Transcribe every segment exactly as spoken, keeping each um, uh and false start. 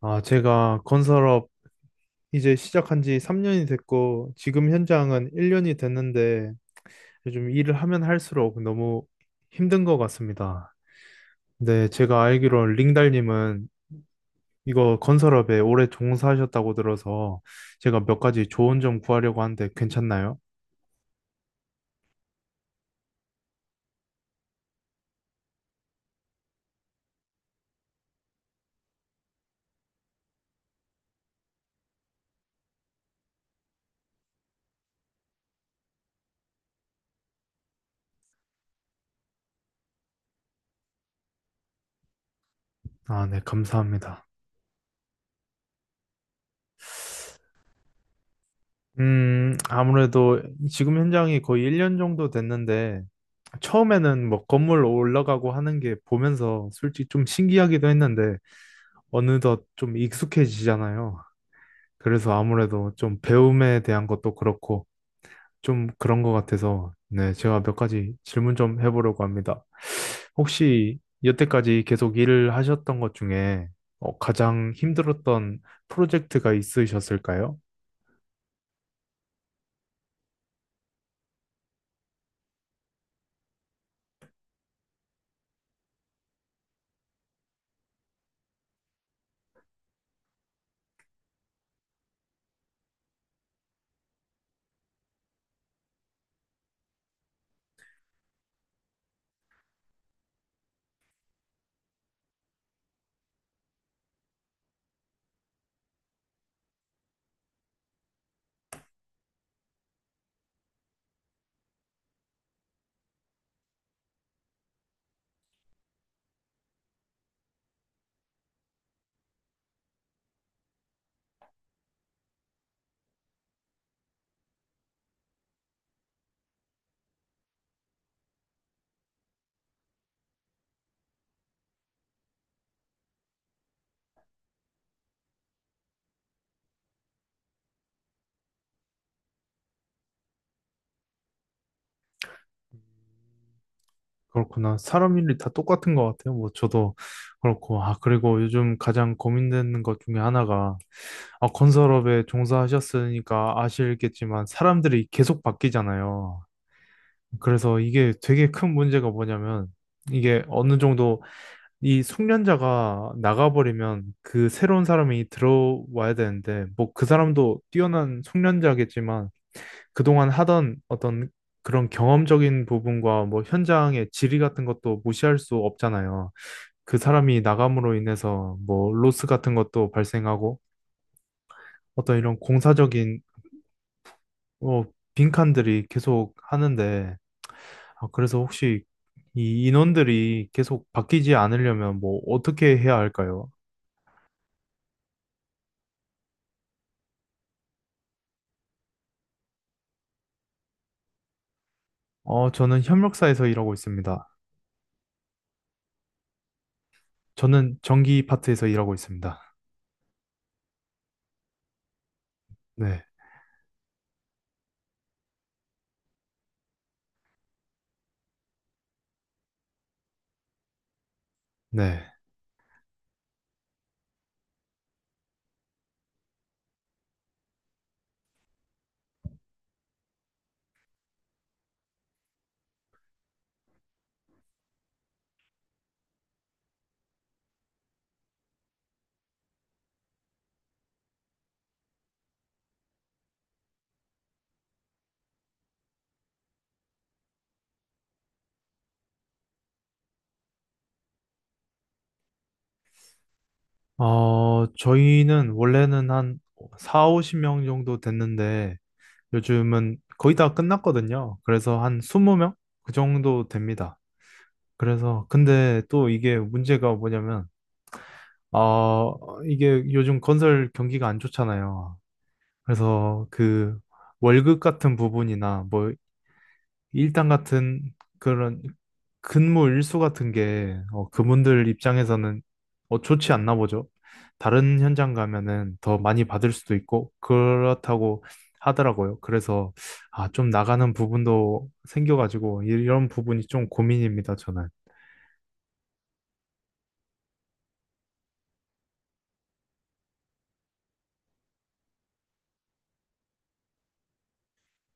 아, 제가 건설업 이제 시작한 지 삼 년이 됐고, 지금 현장은 일 년이 됐는데, 요즘 일을 하면 할수록 너무 힘든 것 같습니다. 근데 제가 알기로 링달님은 이거 건설업에 오래 종사하셨다고 들어서 제가 몇 가지 조언 좀 구하려고 하는데 괜찮나요? 아, 네, 감사합니다. 음, 아무래도 지금 현장이 거의 일 년 정도 됐는데, 처음에는 뭐 건물 올라가고 하는 게 보면서 솔직히 좀 신기하기도 했는데, 어느덧 좀 익숙해지잖아요. 그래서 아무래도 좀 배움에 대한 것도 그렇고 좀 그런 것 같아서 네, 제가 몇 가지 질문 좀 해보려고 합니다. 혹시 여태까지 계속 일을 하셨던 것 중에 어, 가장 힘들었던 프로젝트가 있으셨을까요? 그렇구나. 사람 일이 다 똑같은 것 같아요. 뭐 저도 그렇고. 아, 그리고 요즘 가장 고민되는 것 중에 하나가 아, 건설업에 종사하셨으니까 아시겠지만 사람들이 계속 바뀌잖아요. 그래서 이게 되게 큰 문제가 뭐냐면 이게 어느 정도 이 숙련자가 나가버리면 그 새로운 사람이 들어와야 되는데 뭐 그 사람도 뛰어난 숙련자겠지만 그동안 하던 어떤 그런 경험적인 부분과 뭐 현장의 질이 같은 것도 무시할 수 없잖아요. 그 사람이 나감으로 인해서 뭐 로스 같은 것도 발생하고 어떤 이런 공사적인 어 빈칸들이 계속 하는데 아, 그래서 혹시 이 인원들이 계속 바뀌지 않으려면 뭐 어떻게 해야 할까요? 어, 저는 협력사에서 일하고 있습니다. 저는 전기 파트에서 일하고 있습니다. 네, 네. 어, 저희는 원래는 한 사, 오십 명 정도 됐는데 요즘은 거의 다 끝났거든요. 그래서 한 스무 명? 그 정도 됩니다. 그래서 근데 또 이게 문제가 뭐냐면 아, 이게 요즘 건설 경기가 안 좋잖아요. 그래서 그 월급 같은 부분이나 뭐 일당 같은 그런 근무 일수 같은 게 어, 그분들 입장에서는 어, 좋지 않나 보죠. 다른 현장 가면은 더 많이 받을 수도 있고 그렇다고 하더라고요. 그래서 아, 좀 나가는 부분도 생겨가지고 이런 부분이 좀 고민입니다, 저는.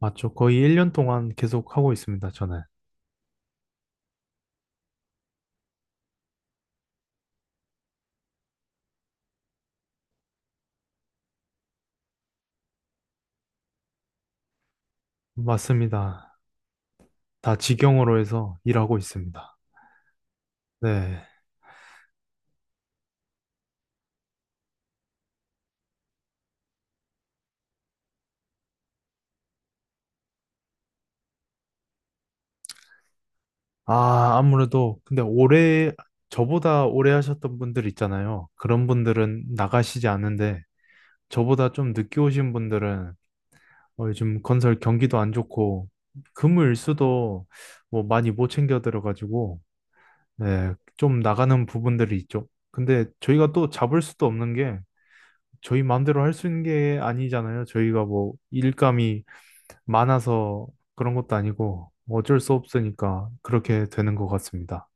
맞죠. 거의 일 년 동안 계속 하고 있습니다, 저는. 맞습니다. 다 직영으로 해서 일하고 있습니다. 네. 아, 아무래도, 근데 올해, 저보다 오래 하셨던 분들 있잖아요. 그런 분들은 나가시지 않는데, 저보다 좀 늦게 오신 분들은 어, 요즘 건설 경기도 안 좋고, 금을수도 뭐 많이 못 챙겨 들어가지고, 네, 좀 나가는 부분들이 있죠. 근데 저희가 또 잡을 수도 없는 게, 저희 마음대로 할 수 있는 게 아니잖아요. 저희가 뭐 일감이 많아서 그런 것도 아니고, 어쩔 수 없으니까 그렇게 되는 것 같습니다.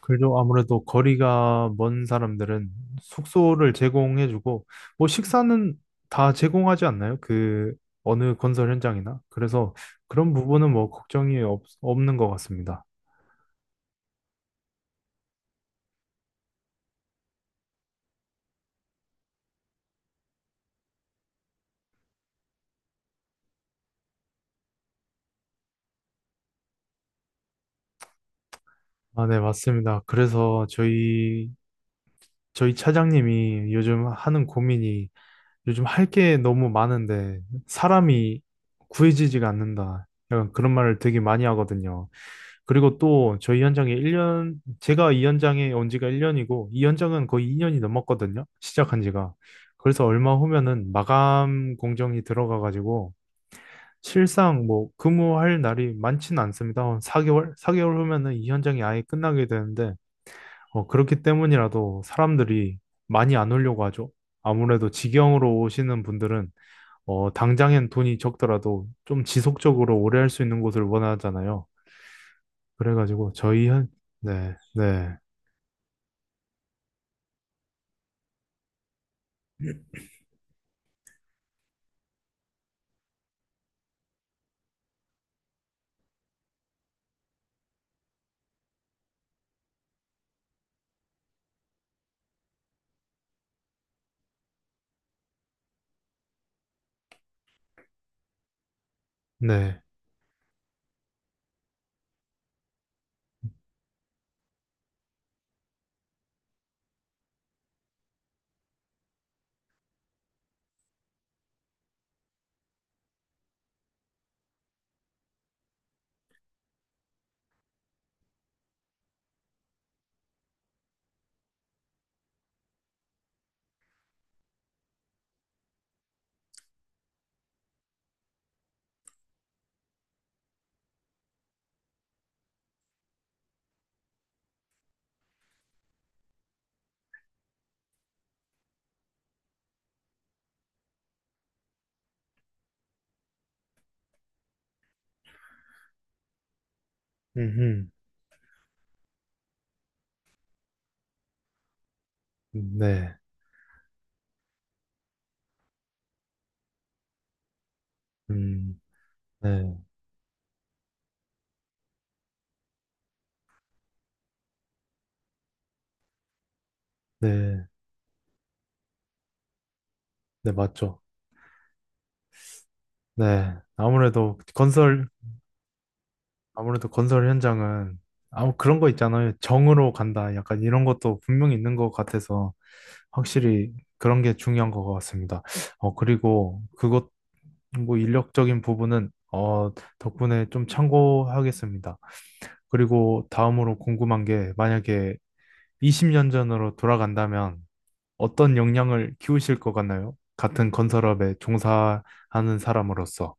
그래도 아무래도 거리가 먼 사람들은 숙소를 제공해주고, 뭐 식사는 다 제공하지 않나요? 그 어느 건설 현장이나. 그래서 그런 부분은 뭐 걱정이 없, 없는 것 같습니다. 아, 네, 맞습니다. 그래서 저희, 저희 차장님이 요즘 하는 고민이 요즘 할 게 너무 많은데 사람이 구해지지가 않는다. 약간 그런 말을 되게 많이 하거든요. 그리고 또 저희 현장에 일 년, 제가 이 현장에 온 지가 일 년이고, 이 현장은 거의 이 년이 넘었거든요. 시작한 지가. 그래서 얼마 후면은 마감 공정이 들어가가지고, 실상 뭐 근무할 날이 많지는 않습니다. 한 사 개월? 사 개월 후면은 이 현장이 아예 끝나게 되는데, 어, 그렇기 때문이라도 사람들이 많이 안 오려고 하죠. 아무래도 직영으로 오시는 분들은, 어, 당장엔 돈이 적더라도 좀 지속적으로 오래 할 수 있는 곳을 원하잖아요. 그래가지고 저희 현, 네, 네, 네, 음, 네, 음, 네, 네, 네, 맞죠. 네, 아무래도 건설, 아무래도 건설 현장은 아무 그런 거 있잖아요. 정으로 간다. 약간 이런 것도 분명히 있는 것 같아서 확실히 그런 게 중요한 것 같습니다. 어, 그리고 그것, 뭐 인력적인 부분은 어, 덕분에 좀 참고하겠습니다. 그리고 다음으로 궁금한 게 만약에 이십 년 전으로 돌아간다면 어떤 역량을 키우실 것 같나요? 같은 건설업에 종사하는 사람으로서.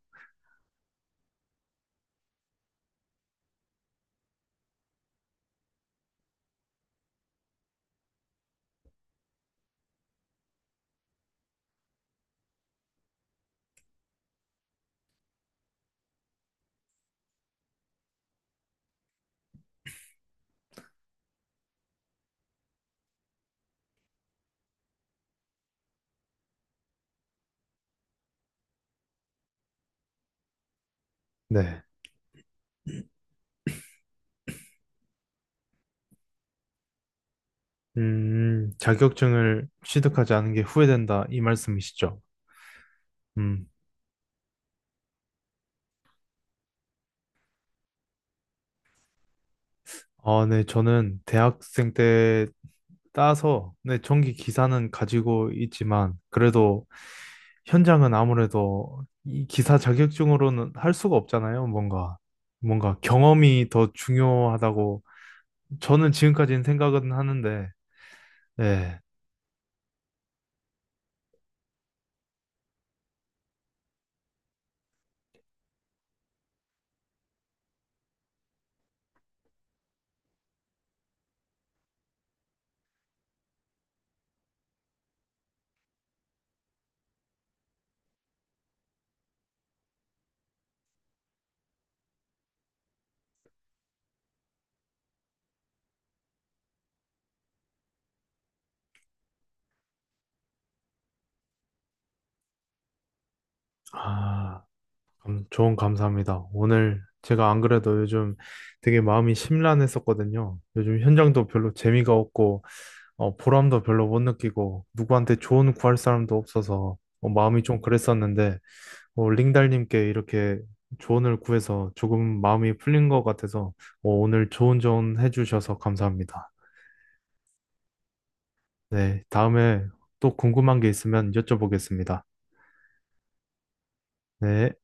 네. 음, 자격증을 취득하지 않은 게 후회된다, 이 말씀이시죠? 음. 아, 네. 저는 대학생 때 따서, 네. 전기 기사는 가지고 있지만, 그래도 현장은 아무래도 이 기사 자격증으로는 할 수가 없잖아요. 뭔가, 뭔가 경험이 더 중요하다고 저는 지금까지는 생각은 하는데, 네. 아. 감- 조언 감사합니다. 오늘 제가 안 그래도 요즘 되게 마음이 심란했었거든요. 요즘 현장도 별로 재미가 없고, 어, 보람도 별로 못 느끼고, 누구한테 조언 구할 사람도 없어서, 어, 마음이 좀 그랬었는데, 어, 링달님께 이렇게 조언을 구해서 조금 마음이 풀린 것 같아서, 어, 오늘 좋은 조언 해주셔서 감사합니다. 네, 다음에 또 궁금한 게 있으면 여쭤보겠습니다. 네.